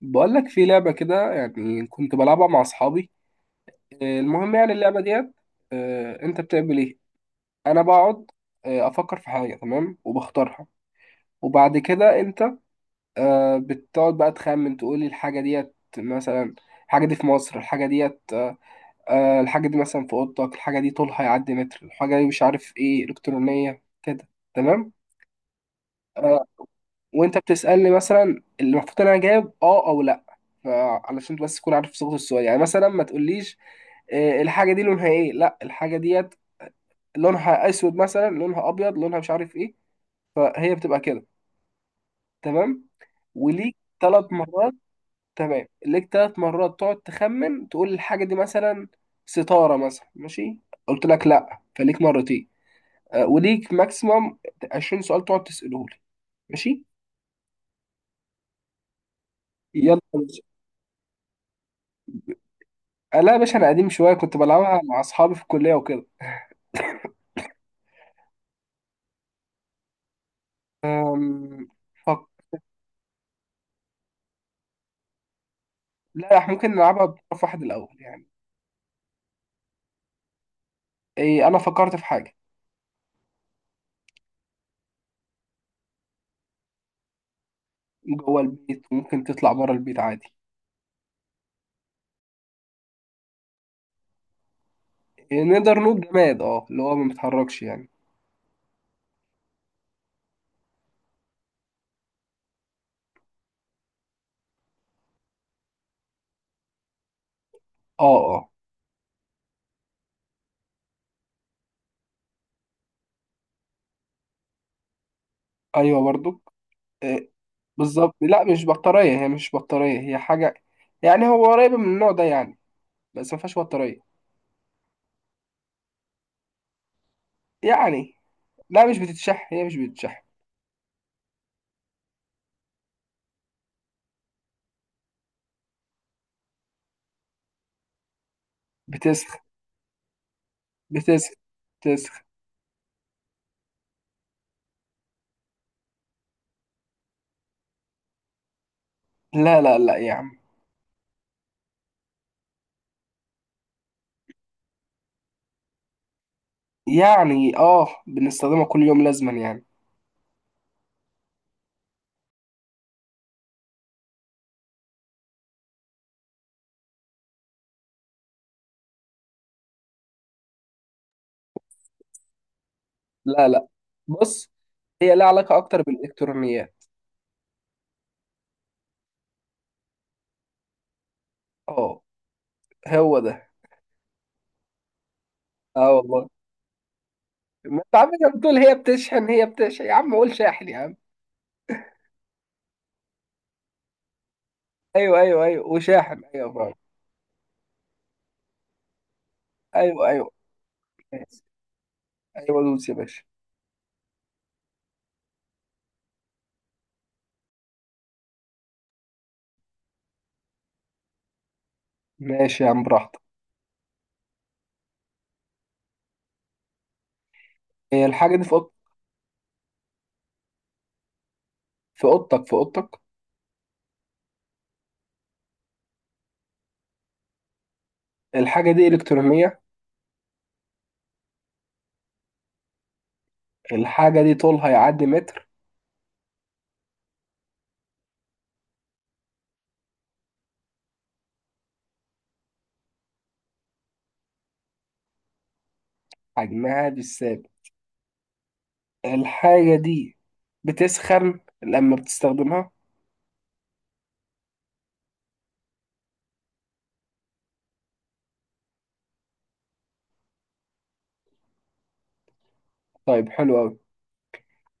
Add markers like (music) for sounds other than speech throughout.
بقول لك في لعبة كده، يعني كنت بلعبها مع أصحابي. المهم يعني اللعبة ديت. أنت بتعمل إيه؟ أنا بقعد أفكر في حاجة، تمام، وبختارها، وبعد كده أنت بتقعد بقى تخمن تقول لي الحاجة ديت مثلا. الحاجة دي في مصر، الحاجة ديت الحاجة دي مثلا في أوضتك، الحاجة دي طولها يعدي متر، الحاجة دي مش عارف إيه، إلكترونية كده. تمام؟ آه، وانت بتسألني مثلا اللي المفروض انا جايب اه او لا، فعلشان بس تكون عارف صيغة السؤال. يعني مثلا ما تقوليش الحاجة دي لونها ايه. لا، الحاجة ديت لونها اسود مثلا، لونها ابيض، لونها مش عارف ايه. فهي بتبقى كده. تمام، وليك 3 مرات. تمام، ليك 3 مرات تقعد تخمن تقول الحاجة دي. مثلا ستارة مثلا، ماشي، قلت لك لا، فليك مرتين. وليك ماكسيمم 20 سؤال تقعد تسأله لي. ماشي؟ يلا. لا يا باشا، انا قديم شويه، كنت بلعبها مع اصحابي في الكليه وكده. أم، فك... لا، احنا ممكن نلعبها بطرف واحد الاول يعني. إيه، انا فكرت في حاجه. جوه البيت وممكن تطلع بره البيت عادي. إيه، نقدر نقول جماد، اه، اللي هو ما بيتحركش يعني. اه اه. ايوه برضو. إيه، بالظبط. لا، مش بطاريه، هي مش بطاريه، هي حاجه يعني هو قريبه من النوع ده يعني، بس ما فيهاش بطاريه. يعني لا، مش بتتشح هي مش بتتشح بتسخ بتسخ بتسخ لا لا لا يا عم. يعني اه، بنستخدمها كل يوم لازما يعني. لا لا، بص، هي لها علاقة أكتر بالإلكترونيات. اه، هو ده. اه والله. ما أنت عم بتقول هي بتشحن هي بتشحن. يا عم قول شاحن يا عم! أيوه أيوه أيوه، وشاحن، أيوه فعلا. أيوه أيوه. ماشي. أيوه دوس يا باشا. ماشي يا عم، براحتك. هي الحاجة دي في في أوضتك، في أوضتك. الحاجة دي إلكترونية، الحاجة دي طولها يعدي متر، حجمها مش ثابت، الحاجة دي بتسخن لما بتستخدمها. طيب، حلو أوي.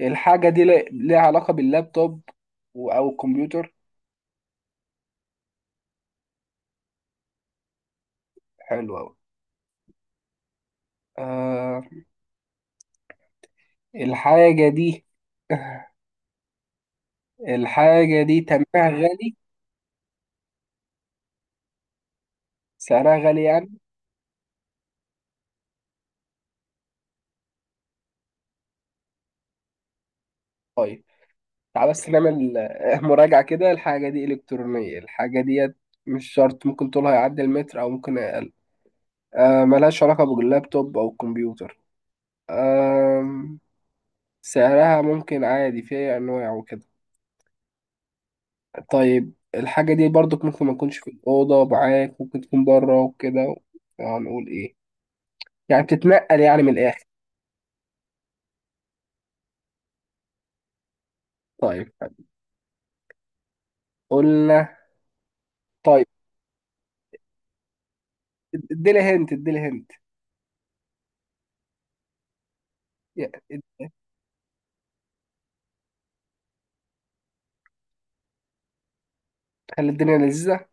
الحاجة دي ليها علاقة باللابتوب أو الكمبيوتر. حلو أوي. آه، الحاجة دي (laughs) الحاجة دي تمنها غالي، سعرها غالي يعني. طيب، تعال بس نعمل (laughs) مراجعة كده. الحاجة دي إلكترونية، الحاجة دي مش شرط، ممكن طولها يعدي المتر أو ممكن أقل، آه ملهاش علاقة باللابتوب أو الكمبيوتر، آه سعرها ممكن عادي، فيها أنواع وكده. طيب الحاجة دي برضك ممكن ما تكونش في الأوضة معاك، ممكن تكون بره وكده. هنقول إيه؟ يعني بتتنقل يعني من الآخر. طيب حلو. قلنا طيب، اديلي هنت، اديلي هنت. يا- اد- خلي الدنيا لذيذة.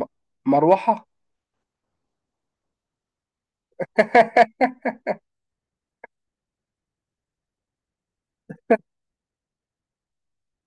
م- مروحة. (laughs)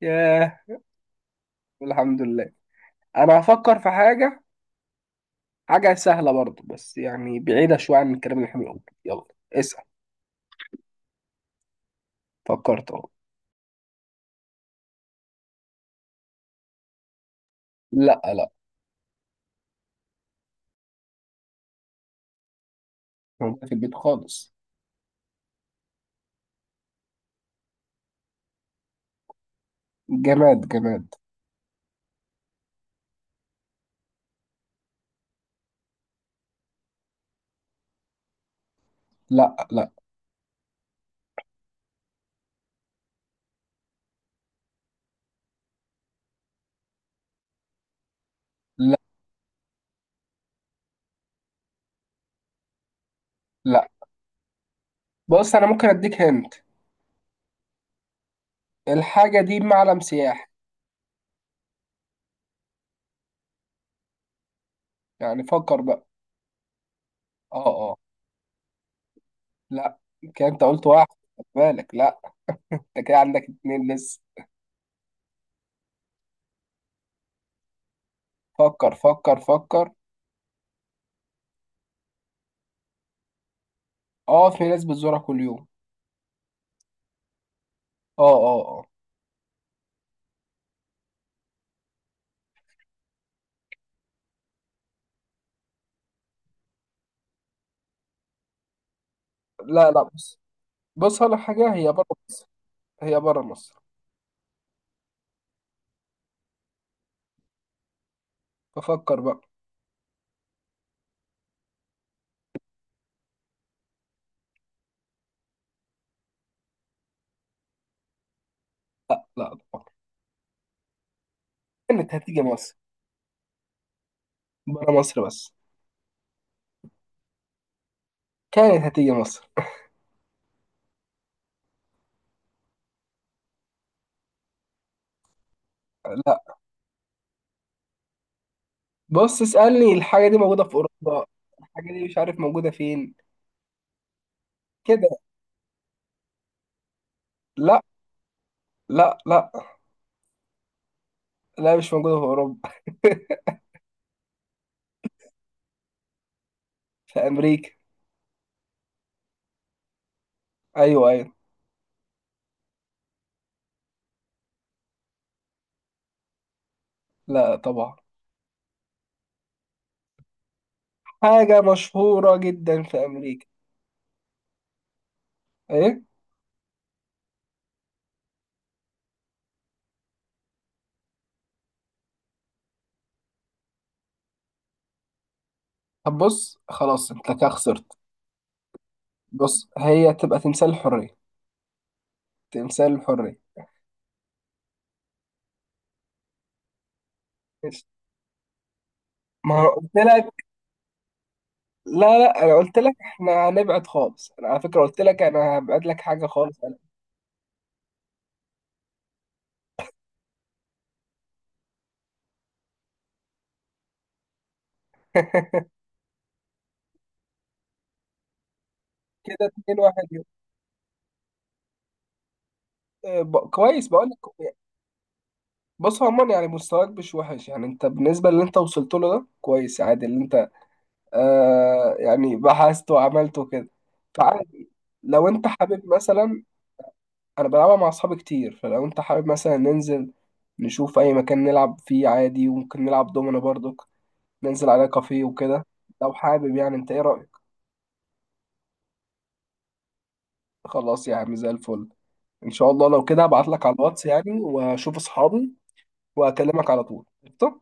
ياه، الحمد لله. أنا هفكر في حاجة، حاجة سهلة برضه، بس يعني بعيدة شوية عن الكلام اللي احنا بنقوله. يلا اسأل. فكرت أهو. لا لا. موجودة في البيت خالص. جماد جماد. لا لا لا. لا، بص، انا ممكن اديك هنت. الحاجه دي معلم سياحي. يعني فكر بقى. اه اه. لا، كده انت قلت واحد. خد بالك، لا، انت كده عندك اتنين لسه. فكر فكر فكر. اه، في ناس بتزورها كل يوم. اه اه اه. لا لا، بص، بص على حاجه، هي بره مصر. هي بره مصر، ففكر بقى. لا لا طبعا. كانت هتيجي مصر. بره مصر بس. كانت هتيجي مصر. لا، بص اسألني. الحاجه دي موجوده في اوروبا. الحاجه دي مش عارف موجوده فين كده. لا لا. لا لا، مش موجودة في أوروبا. (laughs) في أمريكا. أيوه أيوه. لا طبعا. حاجة مشهورة جدا في أمريكا. إيه؟ طب بص، خلاص أنت كده خسرت. بص، هي تبقى تمثال الحرية. تمثال الحرية. ماشي. ما أنا قلت لك. لا لا، أنا قلت لك إحنا هنبعد خالص، أنا على فكرة قلت لك أنا هبعد لك حاجة خالص أنا. (laughs) كده اتنين واحد ليك. كويس بقول لك. بص، عموما يعني مستواك مش وحش يعني، أنت بالنسبة اللي أنت وصلت له ده كويس عادي، اللي أنت آه يعني بحثت وعملته كده، فعادي. لو انت حابب مثلا، انا بلعبها مع اصحابي كتير، فلو انت حابب مثلا ننزل نشوف اي مكان نلعب فيه عادي، وممكن نلعب دومينو برضك، ننزل على كافيه وكده. لو حابب يعني، انت ايه رأيك؟ خلاص يا عم، زي الفل. ان شاء الله لو كده هبعت لك على الواتس يعني، واشوف اصحابي، واكلمك على طول. قشطة؟